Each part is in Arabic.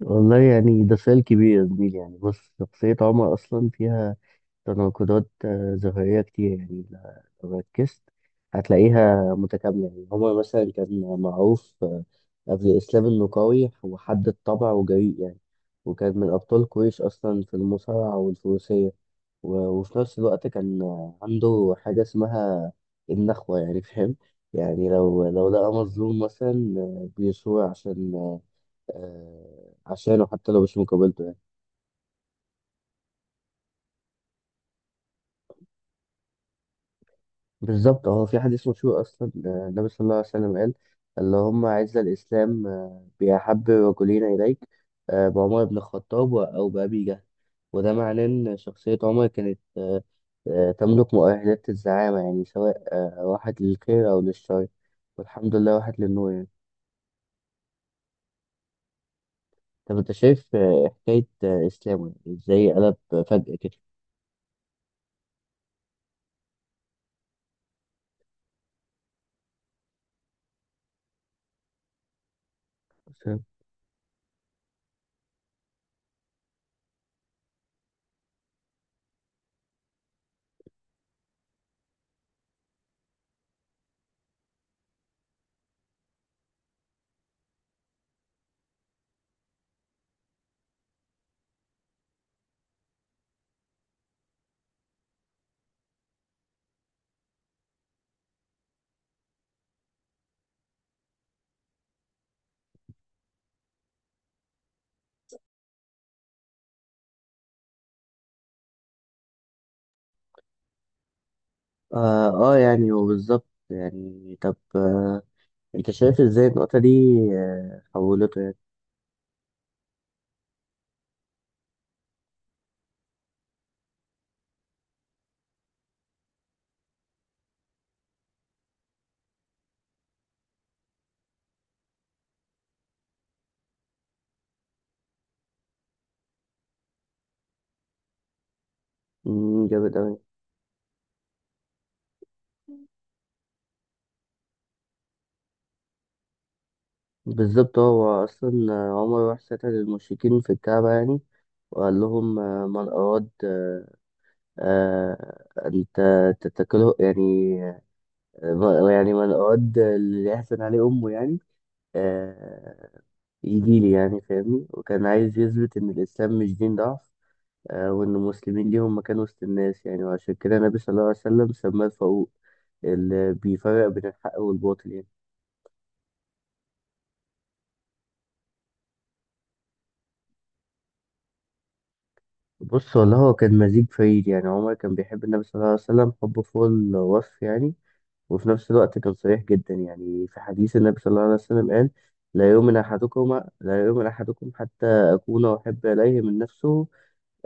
والله يعني ده سؤال كبير يا زميلي، يعني بص، شخصية عمر أصلا فيها تناقضات ظاهرية كتير. يعني لو ركزت هتلاقيها متكاملة. يعني عمر مثلا كان معروف قبل الإسلام إنه قوي وحد الطبع وجريء، يعني وكان من أبطال قريش أصلا في المصارعة والفروسية. وفي نفس الوقت كان عنده حاجة اسمها النخوة، يعني فاهم؟ يعني لو لقى مظلوم مثلا بيصور عشانه، حتى لو مش مقابلته يعني. بالظبط. هو في حديث مشهور اصلا، النبي صلى الله عليه وسلم قال: اللهم اعز الاسلام باحب رجلين اليك، بعمر بن الخطاب او بابي جهل. وده معناه ان شخصيه عمر كانت تملك مؤهلات الزعامه، يعني سواء راحت للخير او للشر، والحمد لله راحت للنور يعني. طب انت شايف حكايه اسلامه، يعني ازاي قلب فجاه كده؟ فاهم؟ اه، يعني هو بالظبط. يعني طب انت شايف ازاي النقطة دي حولته يعني؟ مم، جامد اوي. بالظبط. هو اصلا عمر راح سأل المشركين في الكعبة، يعني وقال لهم: من أراد آه، أن تتكله يعني، يعني من أراد اللي يحسن عليه أمه، يعني آه، يجيلي، يعني فاهمني. وكان عايز يثبت إن الإسلام مش دين ضعف، وإن المسلمين ليهم مكان وسط الناس يعني، وعشان كده النبي صلى الله عليه وسلم سماه الفاروق، اللي بيفرق بين الحق والباطل يعني. بص والله، هو كان مزيج فريد. يعني عمر كان بيحب النبي صلى الله عليه وسلم حب فوق الوصف يعني، وفي نفس الوقت كان صريح جدا. يعني في حديث، النبي صلى الله عليه وسلم قال: لا يؤمن أحدكم لا يؤمن أحدكم حتى أكون أحب إليه من نفسه،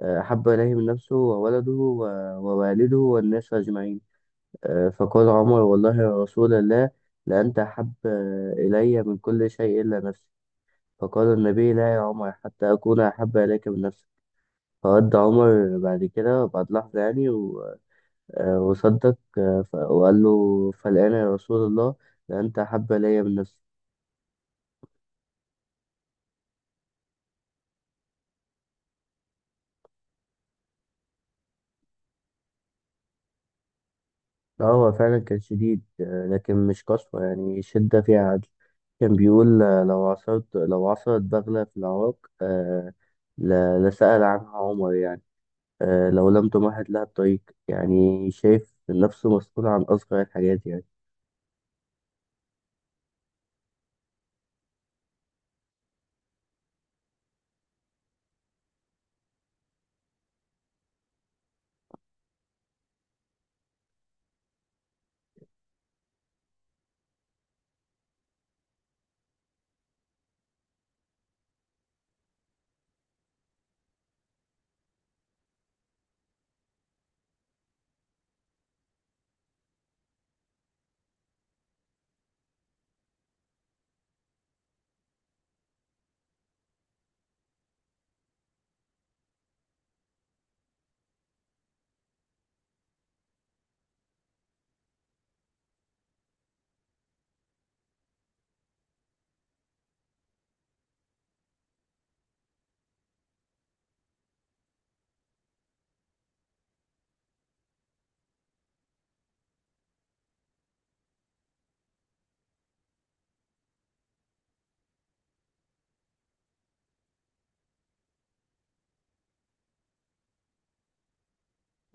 أحب إليه من نفسه وولده ووالده والناس أجمعين. فقال عمر: والله يا رسول الله، لأنت أحب إلي من كل شيء إلا نفسي. فقال النبي: لا يا عمر حتى أكون أحب إليك من نفسي. فودى عمر بعد كده بعد لحظة، يعني وصدق، وقال له: فالآن يا رسول الله، ده أنت أحب إلي من نفسي. لا، هو فعلا كان شديد، لكن مش قسوة، يعني شدة فيها عدل. كان بيقول: لو عثرت بغلة في العراق آه، لسأل عنها عمر، يعني لو لم تمهد لها الطريق. يعني شايف نفسه مسؤول عن أصغر الحاجات يعني.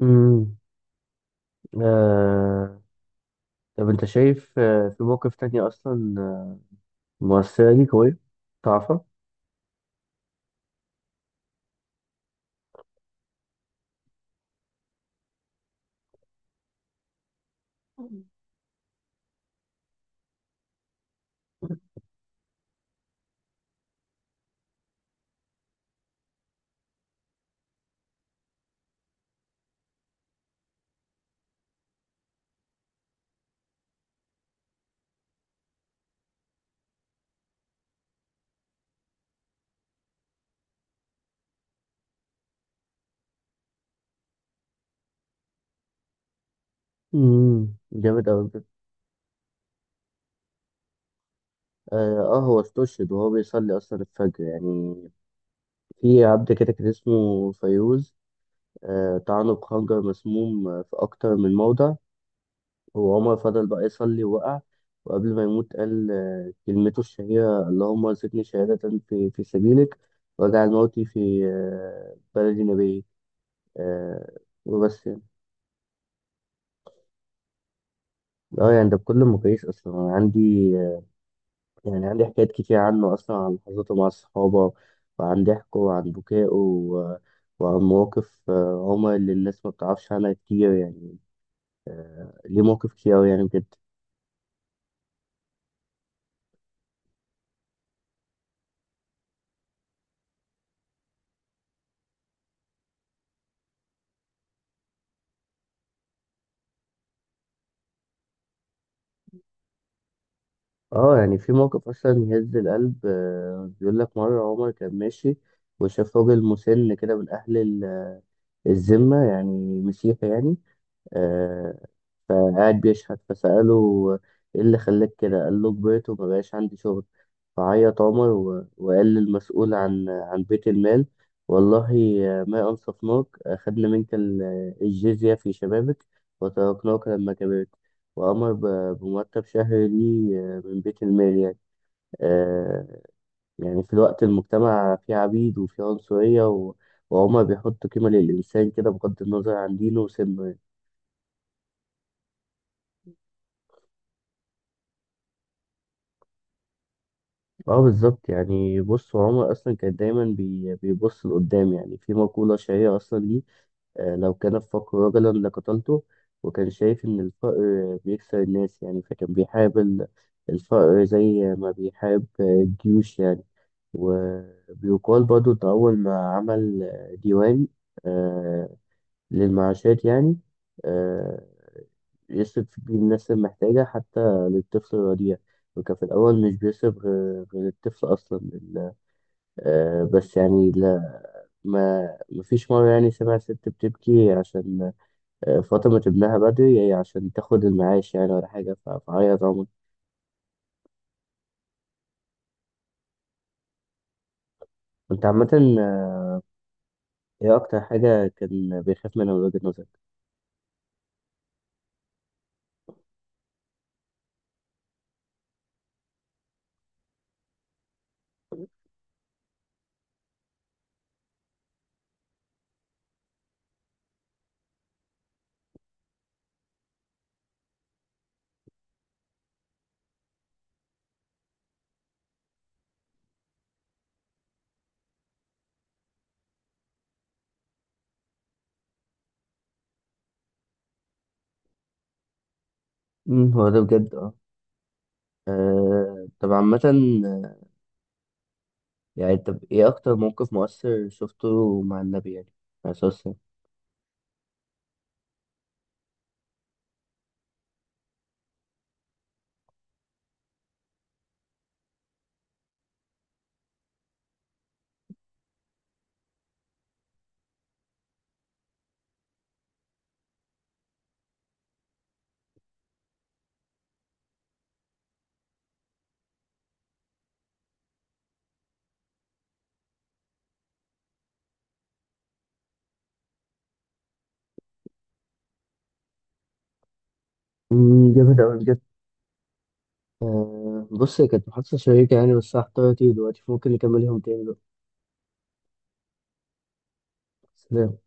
امم آه... طب انت شايف في موقف تاني اصلا مؤثرة ليك أوي تعرفها؟ امم، جامد أوي بجد. آه، هو استشهد وهو بيصلي أصلا الفجر، يعني في عبد كده كان اسمه فيروز، طعنه بخنجر مسموم في أكتر من موضع. وعمر فضل بقى يصلي ووقع، وقبل ما يموت قال كلمته الشهيرة: اللهم ارزقني شهادة في سبيلك، واجعل موتي في بلدي نبيك. آه وبس يعني. اه يعني ده بكل مقاييس، أصلا أنا عندي، يعني عندي حكايات كتير عنه أصلا، عن لحظاته مع الصحابة وعن ضحكه وعن بكائه وعن مواقف هما اللي الناس ما بتعرفش عنها كتير يعني. ليه مواقف كتير أوي يعني بجد. اه يعني في موقف أصلا يهز القلب. بيقول لك مرة عمر كان ماشي وشاف راجل مسن كده من أهل الذمة، يعني مسيحي يعني. آه، فقاعد بيشحت، فسأله: إيه اللي خلاك كده؟ قال له: كبرت ومبقاش عندي شغل. فعيط عمر وقال للمسؤول عن بيت المال: والله ما أنصفناك، أخذنا منك الجزية في شبابك وتركناك لما كبرت. وأمر بمرتب شهري ليه من بيت المال، يعني آه، يعني في الوقت المجتمع فيه عبيد وفيه عنصرية، وعمر بيحط قيمة للإنسان كده بغض النظر عن دينه وسنه يعني. اه بالظبط. يعني بص، عمر أصلا كان دايما بيبص لقدام. يعني في مقولة شهيرة أصلا ليه: لو كان الفقر رجلا لقتلته. وكان شايف إن الفقر بيكسر الناس، يعني فكان بيحارب الفقر زي ما بيحارب الجيوش يعني. وبيقال برضه إن أول ما عمل ديوان آه، للمعاشات، يعني آه، يصرف بيه الناس المحتاجة، حتى للطفل الرضيع. وكان في الأول مش بيصرف غير الطفل أصلا بس يعني لا، ما مفيش مرة، يعني سمع ست بتبكي عشان فاطمة ابنها بدري، هي عشان تاخد المعاش يعني ولا حاجة. فهي ضامن كنت عامة. آه، ايه أكتر حاجة كان بيخاف منها من وجهة نظرك؟ أمم، هو ده بجد. اه. طب عامة، آه، يعني طب ايه أكتر موقف مؤثر شفته مع النبي يعني؟ عليه الصلاة والسلام. أمم، جامد أوي بجد. بص، هي كانت محادثة شيقة يعني، بس هحتار دلوقتي، فممكن نكمل يوم تاني بقى. سلام.